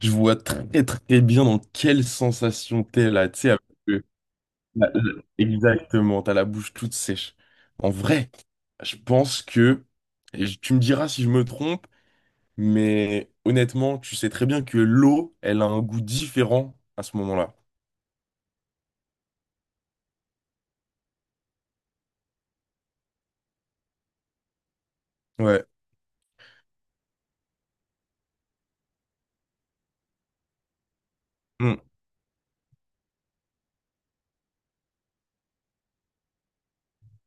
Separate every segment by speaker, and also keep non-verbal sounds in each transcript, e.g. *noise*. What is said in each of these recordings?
Speaker 1: Je vois très très bien dans quelle sensation t'es là, tu sais, avec le- exactement, t'as la bouche toute sèche. En vrai, je pense que, tu me diras si je me trompe, mais honnêtement, tu sais très bien que l'eau, elle a un goût différent à ce moment-là. Ouais. Mm.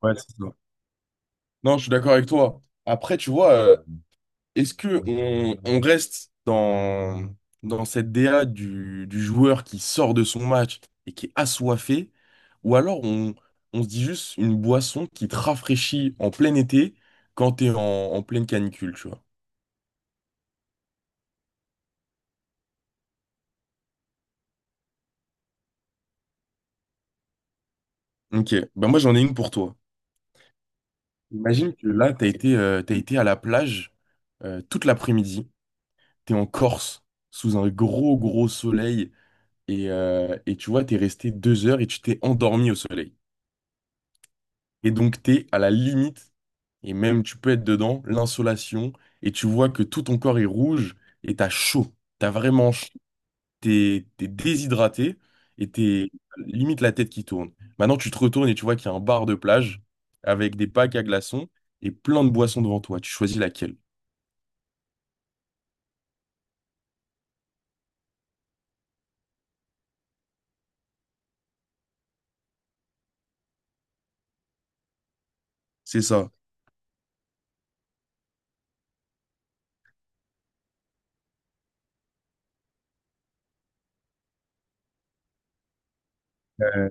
Speaker 1: Ouais, c'est ça. Non, je suis d'accord avec toi. Après, tu vois, est-ce que on reste dans cette DA du joueur qui sort de son match et qui est assoiffé, ou alors on se dit juste une boisson qui te rafraîchit en plein été quand t'es en pleine canicule, tu vois. Ok, ben moi j'en ai une pour toi. Imagine que là, t'as été à la plage toute l'après-midi, t'es en Corse, sous un gros gros soleil, et tu vois, t'es resté 2 heures et tu t'es endormi au soleil. Et donc, t'es à la limite, et même tu peux être dedans, l'insolation, et tu vois que tout ton corps est rouge, et t'as chaud. T'as vraiment chaud. T'es déshydraté, et t'es limite la tête qui tourne. Maintenant, tu te retournes et tu vois qu'il y a un bar de plage avec des packs à glaçons et plein de boissons devant toi. Tu choisis laquelle. C'est ça. Euh,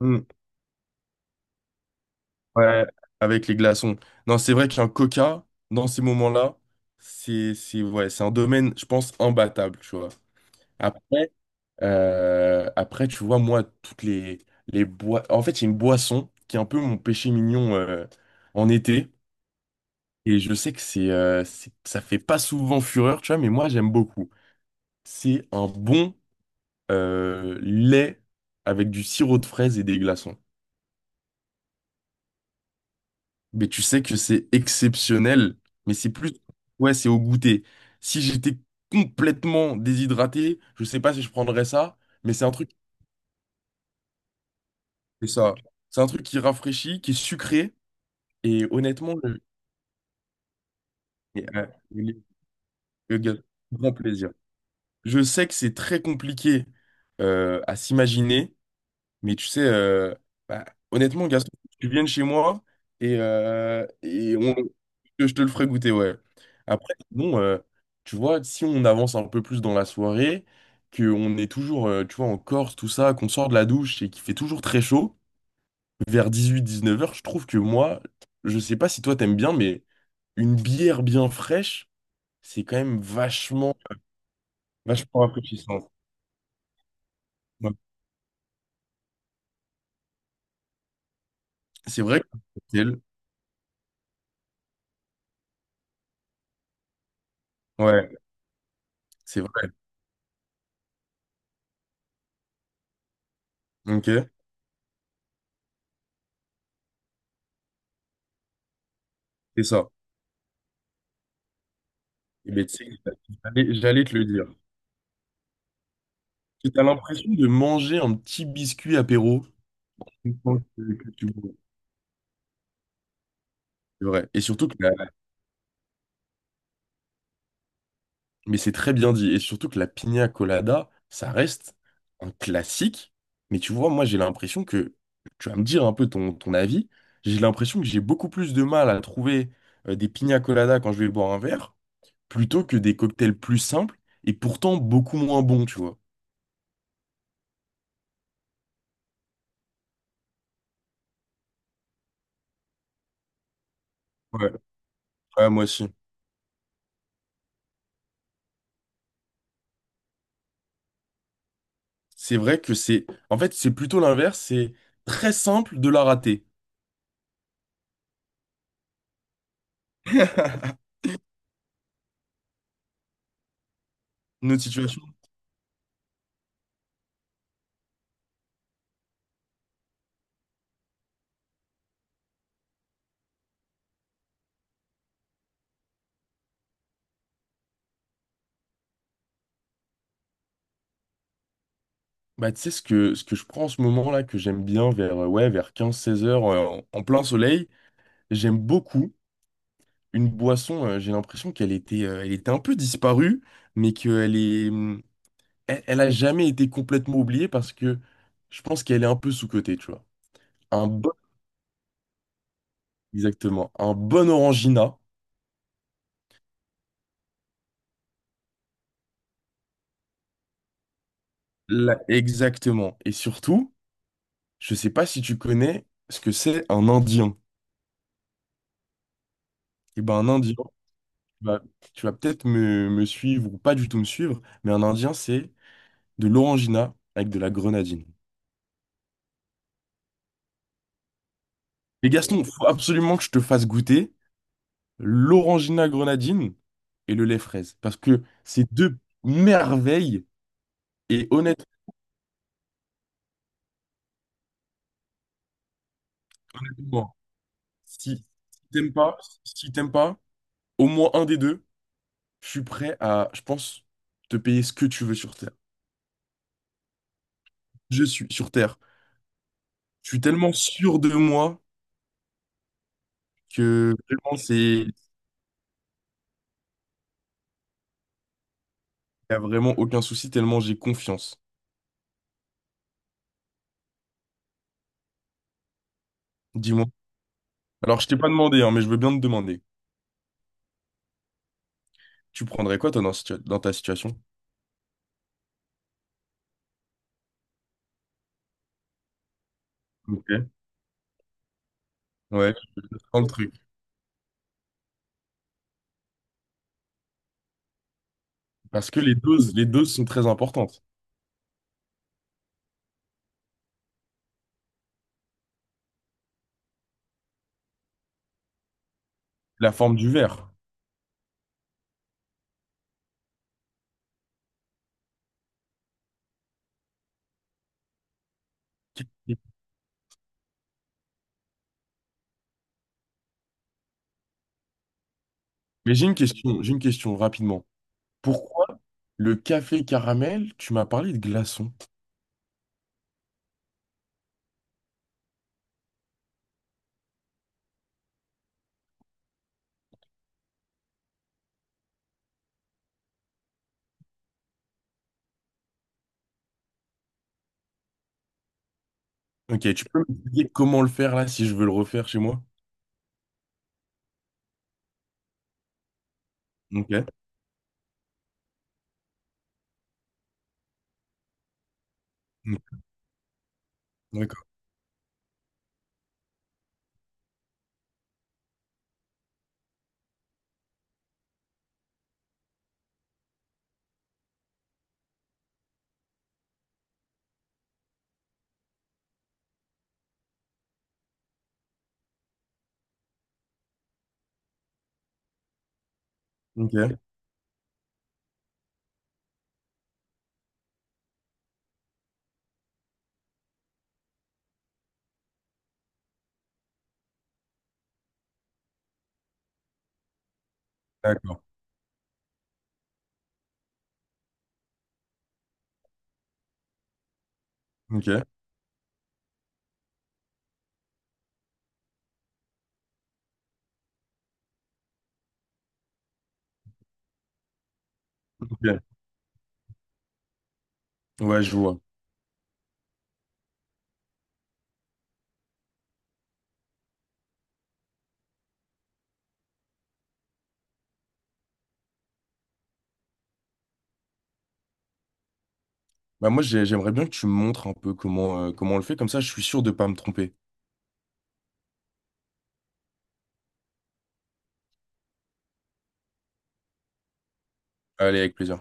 Speaker 1: hmm, ouais, avec les glaçons. Non, c'est vrai qu'un coca, dans ces moments-là, ouais, c'est un domaine, je pense, imbattable, tu vois. Après, tu vois, moi, toutes les bois en fait, il y a une boisson qui est un peu mon péché mignon en été. Et je sais que ça fait pas souvent fureur, tu vois, mais moi, j'aime beaucoup. C'est un bon lait avec du sirop de fraise et des glaçons. Mais tu sais que c'est exceptionnel, mais c'est plus. Ouais, c'est au goûter. Si j'étais complètement déshydraté, je sais pas si je prendrais ça, mais c'est un truc. C'est ça. C'est un truc qui rafraîchit, qui est sucré. Et honnêtement, et, euh, le- le gars, grand plaisir. Je sais que c'est très compliqué à s'imaginer, mais tu sais, bah, honnêtement, Gaston, tu viennes chez moi et on, je te le ferai goûter, ouais. Après, bon, tu vois, si on avance un peu plus dans la soirée, qu'on est toujours, tu vois, en Corse, tout ça, qu'on sort de la douche et qu'il fait toujours très chaud, vers 18-19 heures, je trouve que moi, je sais pas si toi t'aimes bien, mais une bière bien fraîche, c'est quand même vachement, vachement rafraîchissant. Ouais. C'est vrai que c'est le cocktail. Ouais, c'est vrai. Ok, c'est ça. Et ben, tu sais, j'allais te le dire. Tu as l'impression de manger un petit biscuit apéro. Une fois que tu bois. C'est vrai. Et surtout que la- Mais c'est très bien dit. Et surtout que la piña colada, ça reste un classique. Mais tu vois, moi, j'ai l'impression que… Tu vas me dire un peu ton, ton avis. J'ai l'impression que j'ai beaucoup plus de mal à trouver des piña colada quand je vais boire un verre plutôt que des cocktails plus simples et pourtant beaucoup moins bons, tu vois. Ouais, ouais, moi aussi. C'est vrai que c'est… En fait, c'est plutôt l'inverse, c'est très simple de la rater. *laughs* Notre situation. Bah, tu sais, ce que je prends en ce moment là, que j'aime bien vers, ouais, vers 15-16 heures en plein soleil, j'aime beaucoup une boisson. J'ai l'impression qu'elle était un peu disparue, mais qu'elle est, elle a jamais été complètement oubliée parce que je pense qu'elle est un peu sous-cotée, tu vois. Un Exactement. Un bon Orangina. Là, exactement. Et surtout, je sais pas si tu connais ce que c'est un Indien. Et ben un Indien, tu vas, tu vas peut-être me suivre ou pas du tout me suivre, mais un Indien, c'est de l'Orangina avec de la grenadine. Mais Gaston, faut absolument que je te fasse goûter l'Orangina grenadine et le lait fraise. Parce que c'est deux merveilles. Et honnêtement, si, si t'aimes pas, si t'aimes pas, au moins un des deux. Je suis prêt à, je pense, te payer ce que tu veux sur Terre. Je suis sur Terre. Je suis tellement sûr de moi que vraiment, c'est, il n'y a vraiment aucun souci, tellement j'ai confiance. Dis-moi. Alors, je t'ai pas demandé, hein, mais je veux bien te demander. Tu prendrais quoi, toi, dans ta situation? Ok. Ouais, je te prends le truc. Parce que les doses sont très importantes. La forme du verre. Mais j'ai une question rapidement. Pourquoi le café caramel, tu m'as parlé de glaçons? Ok, tu peux m'expliquer comment le faire là si je veux le refaire chez moi? Ok. Mm. D'accord. Ok. D'accord. Ok. Ok. Ouais, je vois. Bah moi j'aimerais bien que tu me montres un peu comment comment on le fait, comme ça je suis sûr de pas me tromper. Allez, avec plaisir.